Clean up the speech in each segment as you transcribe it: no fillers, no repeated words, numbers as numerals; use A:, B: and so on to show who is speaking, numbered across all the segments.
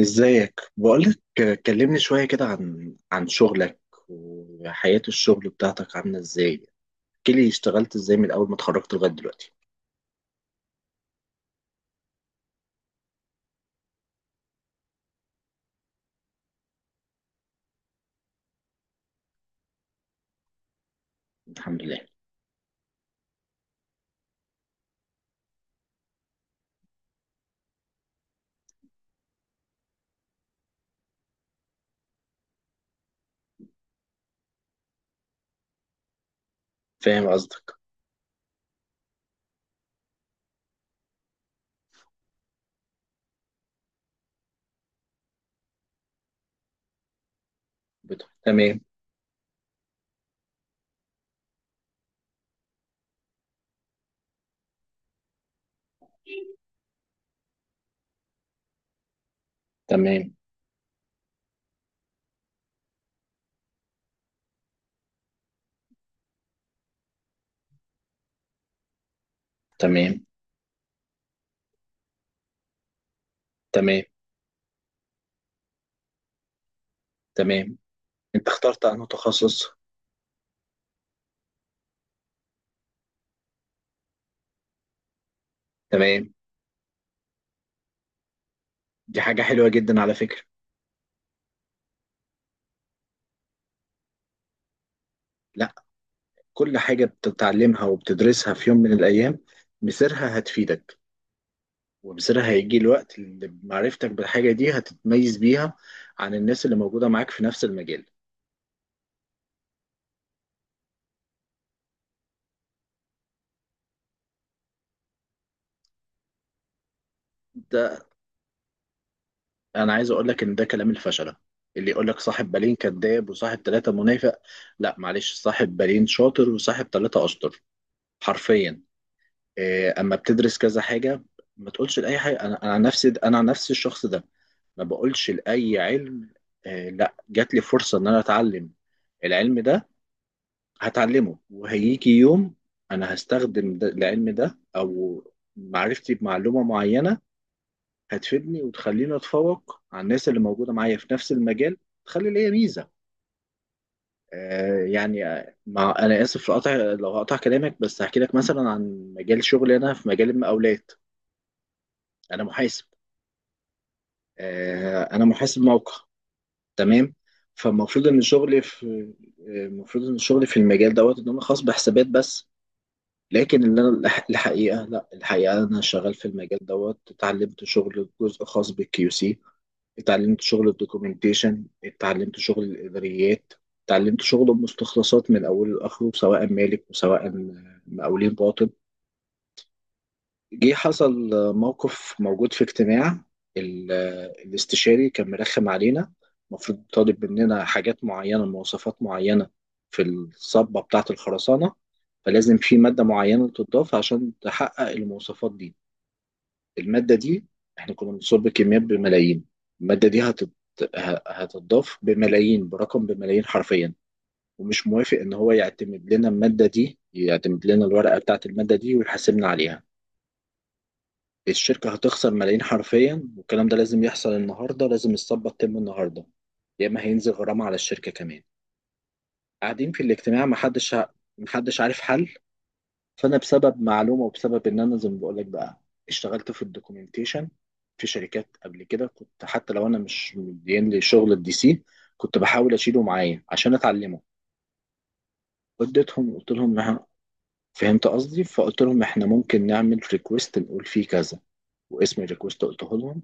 A: ازيك؟ بقولك كلمني شوية كده عن شغلك وحياة الشغل بتاعتك عاملة ازاي؟ احكيلي اشتغلت ازاي من اول ما اتخرجت لغاية دلوقتي. الحمد لله. فاهم قصدك. تمام. تمام. تمام. تمام. تمام. انت اخترت انه تخصص. تمام. دي حاجة حلوة جدا على فكرة. لا، كل حاجة بتتعلمها وبتدرسها في يوم من الايام مصيرها هتفيدك، ومصيرها هيجي الوقت اللي معرفتك بالحاجة دي هتتميز بيها عن الناس اللي موجودة معاك في نفس المجال. ده انا عايز اقول لك ان ده كلام الفشله. اللي يقول لك صاحب بالين كذاب وصاحب ثلاثة منافق، لا معلش، صاحب بالين شاطر وصاحب ثلاثة اشطر، حرفيا. إيه، اما بتدرس كذا حاجة ما تقولش لاي حاجة. انا عن نفسي، انا عن نفسي الشخص ده ما بقولش لاي علم. لا جات لي فرصة ان انا اتعلم العلم ده، هتعلمه وهيجي يوم انا هستخدم ده العلم ده او معرفتي بمعلومة معينة هتفيدني وتخليني اتفوق على الناس اللي موجوده معايا في نفس المجال، تخلي ليا ميزه. مع انا اسف في قطع، لو هقطع كلامك بس هحكي لك مثلا عن مجال شغلي. انا في مجال المقاولات. انا محاسب، انا محاسب موقع. تمام. فالمفروض ان شغلي في، المفروض ان شغلي في المجال دوت ان انا خاص بحسابات بس. لكن اللي انا الحقيقه، لا الحقيقه انا شغال في المجال دوت اتعلمت شغل جزء خاص بالكيو سي، اتعلمت شغل الدوكيومنتيشن، اتعلمت شغل الاداريات، اتعلمت شغل المستخلصات من اوله لاخره، سواء مالك وسواء مقاولين باطن. جه حصل موقف موجود في اجتماع. ال- الاستشاري كان مرخم علينا، المفروض طالب مننا حاجات معينة مواصفات معينة في الصبة بتاعة الخرسانة، فلازم في مادة معينة تضاف عشان تحقق المواصفات دي. المادة دي احنا كنا بنصب كميات بملايين. المادة دي هتضاف بملايين، برقم بملايين حرفيا. ومش موافق ان هو يعتمد لنا المادة دي، يعتمد لنا الورقة بتاعة المادة دي ويحاسبنا عليها. الشركة هتخسر ملايين حرفيا، والكلام ده لازم يحصل النهاردة، لازم الصفقة تتم النهاردة، يا إما هينزل غرامة على الشركة كمان. قاعدين في الاجتماع محدش عارف حل. فأنا بسبب معلومة وبسبب إن أنا زي ما بقولك بقى اشتغلت في الدوكيومنتيشن في شركات قبل كده، كنت حتى لو أنا مش مدين لي شغل الدي سي كنت بحاول أشيله معايا عشان أتعلمه. اديتهم قلت لهم فهمت قصدي، فقلت لهم إحنا ممكن نعمل ريكويست نقول فيه كذا، واسم الريكويست قلته لهم،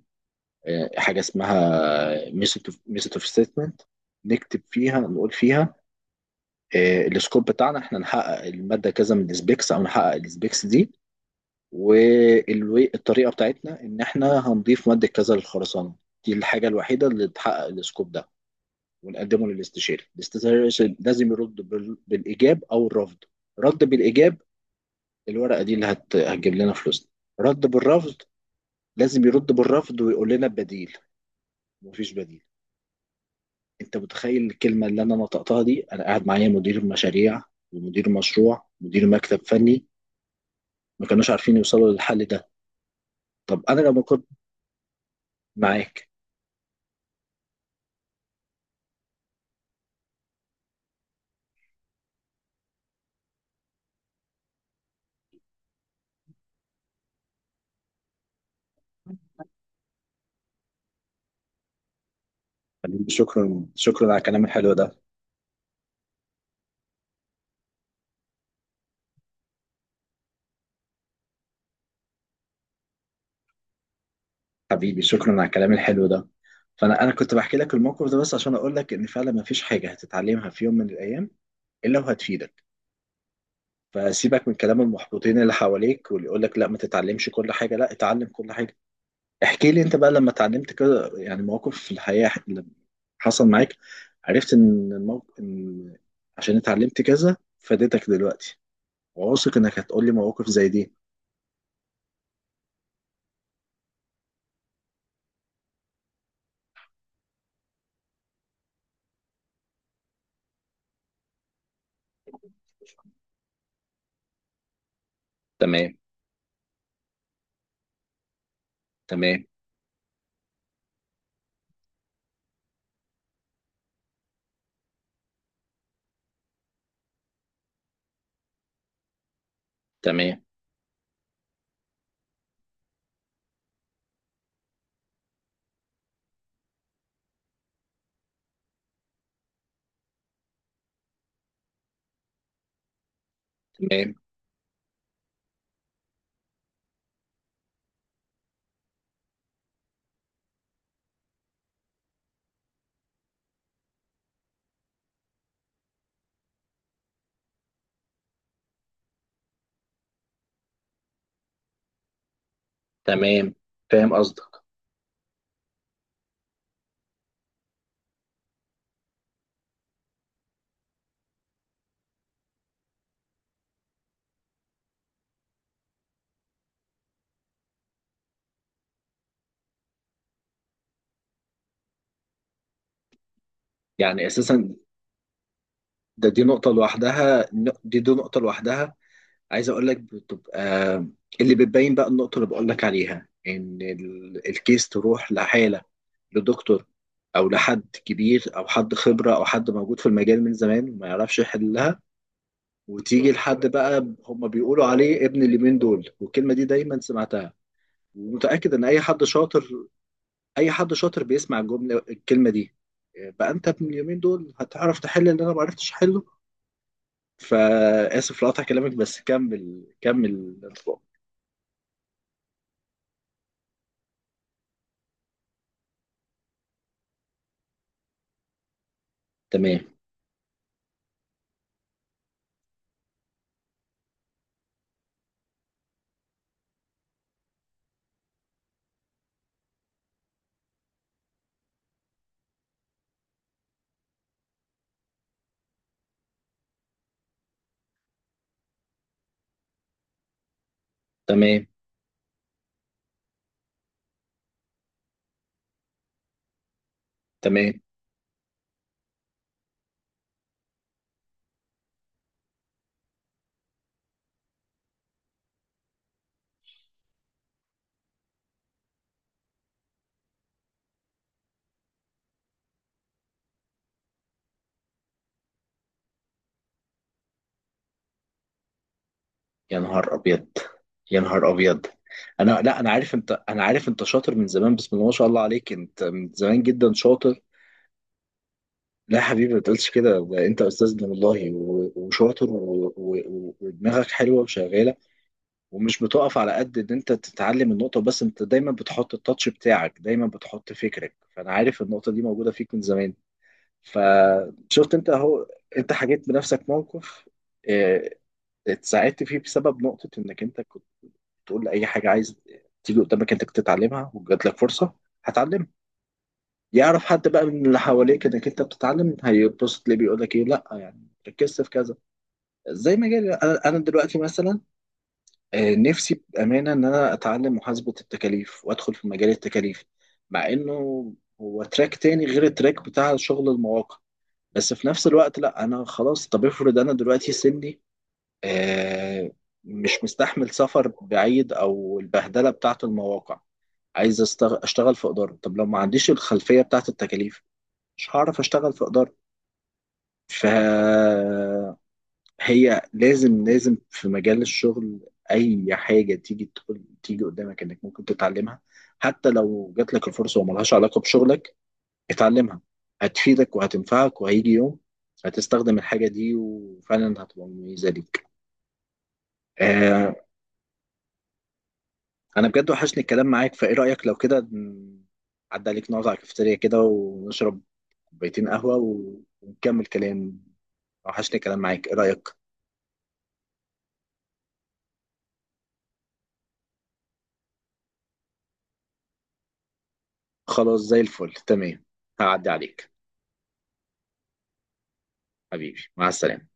A: حاجه اسمها ميثود اوف ستيتمنت، نكتب فيها نقول فيها، السكوب بتاعنا احنا نحقق الماده كذا من السبيكس او نحقق السبيكس دي، والطريقه بتاعتنا ان احنا هنضيف ماده كذا للخرسانه، دي الحاجه الوحيده اللي تحقق السكوب ده. ونقدمه للاستشاري. الاستشاري لازم يرد بالايجاب او الرفض. رد بالايجاب، الورقه دي اللي هتجيب لنا فلوسنا. رد بالرفض، لازم يرد بالرفض ويقول لنا بديل. مفيش بديل. انت متخيل الكلمه اللي انا نطقتها دي؟ انا قاعد معايا مدير مشاريع، ومدير مشروع ومدير مكتب فني، ما كانوش عارفين يوصلوا للحل ده. طب انا لما كنت معاك. حبيبي شكرا شكرا على الكلام الحلو ده. حبيبي شكرا على الكلام الحلو ده. فانا كنت بحكي لك الموقف ده بس عشان اقول لك ان فعلا ما فيش حاجه هتتعلمها في يوم من الايام الا وهتفيدك. فسيبك من كلام المحبطين اللي حواليك واللي يقول لك لا ما تتعلمش كل حاجه. لا، اتعلم كل حاجه. احكي لي انت بقى، لما اتعلمت كده يعني مواقف في الحياة اللي حصل معاك عرفت ان الموقف ان عشان اتعلمت كذا فادتك دلوقتي. واثق انك هتقول لي مواقف زي دي. تمام. تمام. تمام. تمام. تمام. فاهم قصدك. يعني اساسا دي نقطة لوحدها. دي نقطة لوحدها. عايز اقول لك بتبقى اللي بتبين بقى النقطة اللي بقول لك عليها ان الكيس تروح لحالة لدكتور او لحد كبير او حد خبره او حد موجود في المجال من زمان ما يعرفش يحلها، وتيجي لحد بقى هم بيقولوا عليه ابن اليومين دول. والكلمه دي دايما سمعتها، ومتاكد ان اي حد شاطر، اي حد شاطر بيسمع الكلمه دي. بقى انت ابن اليومين دول هتعرف تحل اللي انا ما عرفتش احله. فاسف لقطع كلامك بس كمل كمل. تمام. تمام. تمام. يا نهار ابيض. يا نهار ابيض. انا لا انا عارف انت شاطر من زمان، بسم الله ما شاء الله عليك، انت من زمان جدا شاطر. لا يا حبيبي ما تقولش كده، ده انت استاذنا والله وشاطر ودماغك حلوه وشغاله. ومش بتقف على قد ان انت تتعلم النقطه بس، انت دايما بتحط التاتش بتاعك، دايما بتحط فكرك، فانا عارف النقطه دي موجوده فيك من زمان. فشفت انت اهو، انت حكيت بنفسك موقف، اه، اتساعدت فيه بسبب نقطه انك انت كنت تقول لأي حاجة عايز تيجي قدامك انك تتعلمها وجات لك فرصة هتعلمها. يعرف حد بقى من اللي حواليك انك انت بتتعلم هيتبسط ليه، بيقول لك ايه؟ لا يعني ركزت في كذا. زي ما جالي أنا دلوقتي مثلا، نفسي بامانه ان انا اتعلم محاسبه التكاليف وادخل في مجال التكاليف، مع انه هو تراك تاني غير التراك بتاع شغل المواقع، بس في نفس الوقت لا انا خلاص. طب افرض انا دلوقتي سني، آه، مش مستحمل سفر بعيد او البهدله بتاعه المواقع، عايز اشتغل في اداره. طب لو ما عنديش الخلفيه بتاعت التكاليف مش هعرف اشتغل في اداره. فهي لازم، لازم في مجال الشغل اي حاجه تيجي تقول تيجي قدامك انك ممكن تتعلمها، حتى لو جات لك الفرصه وملهاش علاقه بشغلك، اتعلمها. هتفيدك وهتنفعك، وهيجي يوم هتستخدم الحاجه دي وفعلا هتبقى مميزه ليك. آه انا بجد وحشني الكلام معاك، فايه رايك لو كده عدى عليك نقعد على الكافيتيريا كده ونشرب كوبايتين قهوة ونكمل كلام. وحشني كلام معاك. ايه رأيك؟ خلاص زي الفل. تمام، هعدي عليك. حبيبي مع السلامة.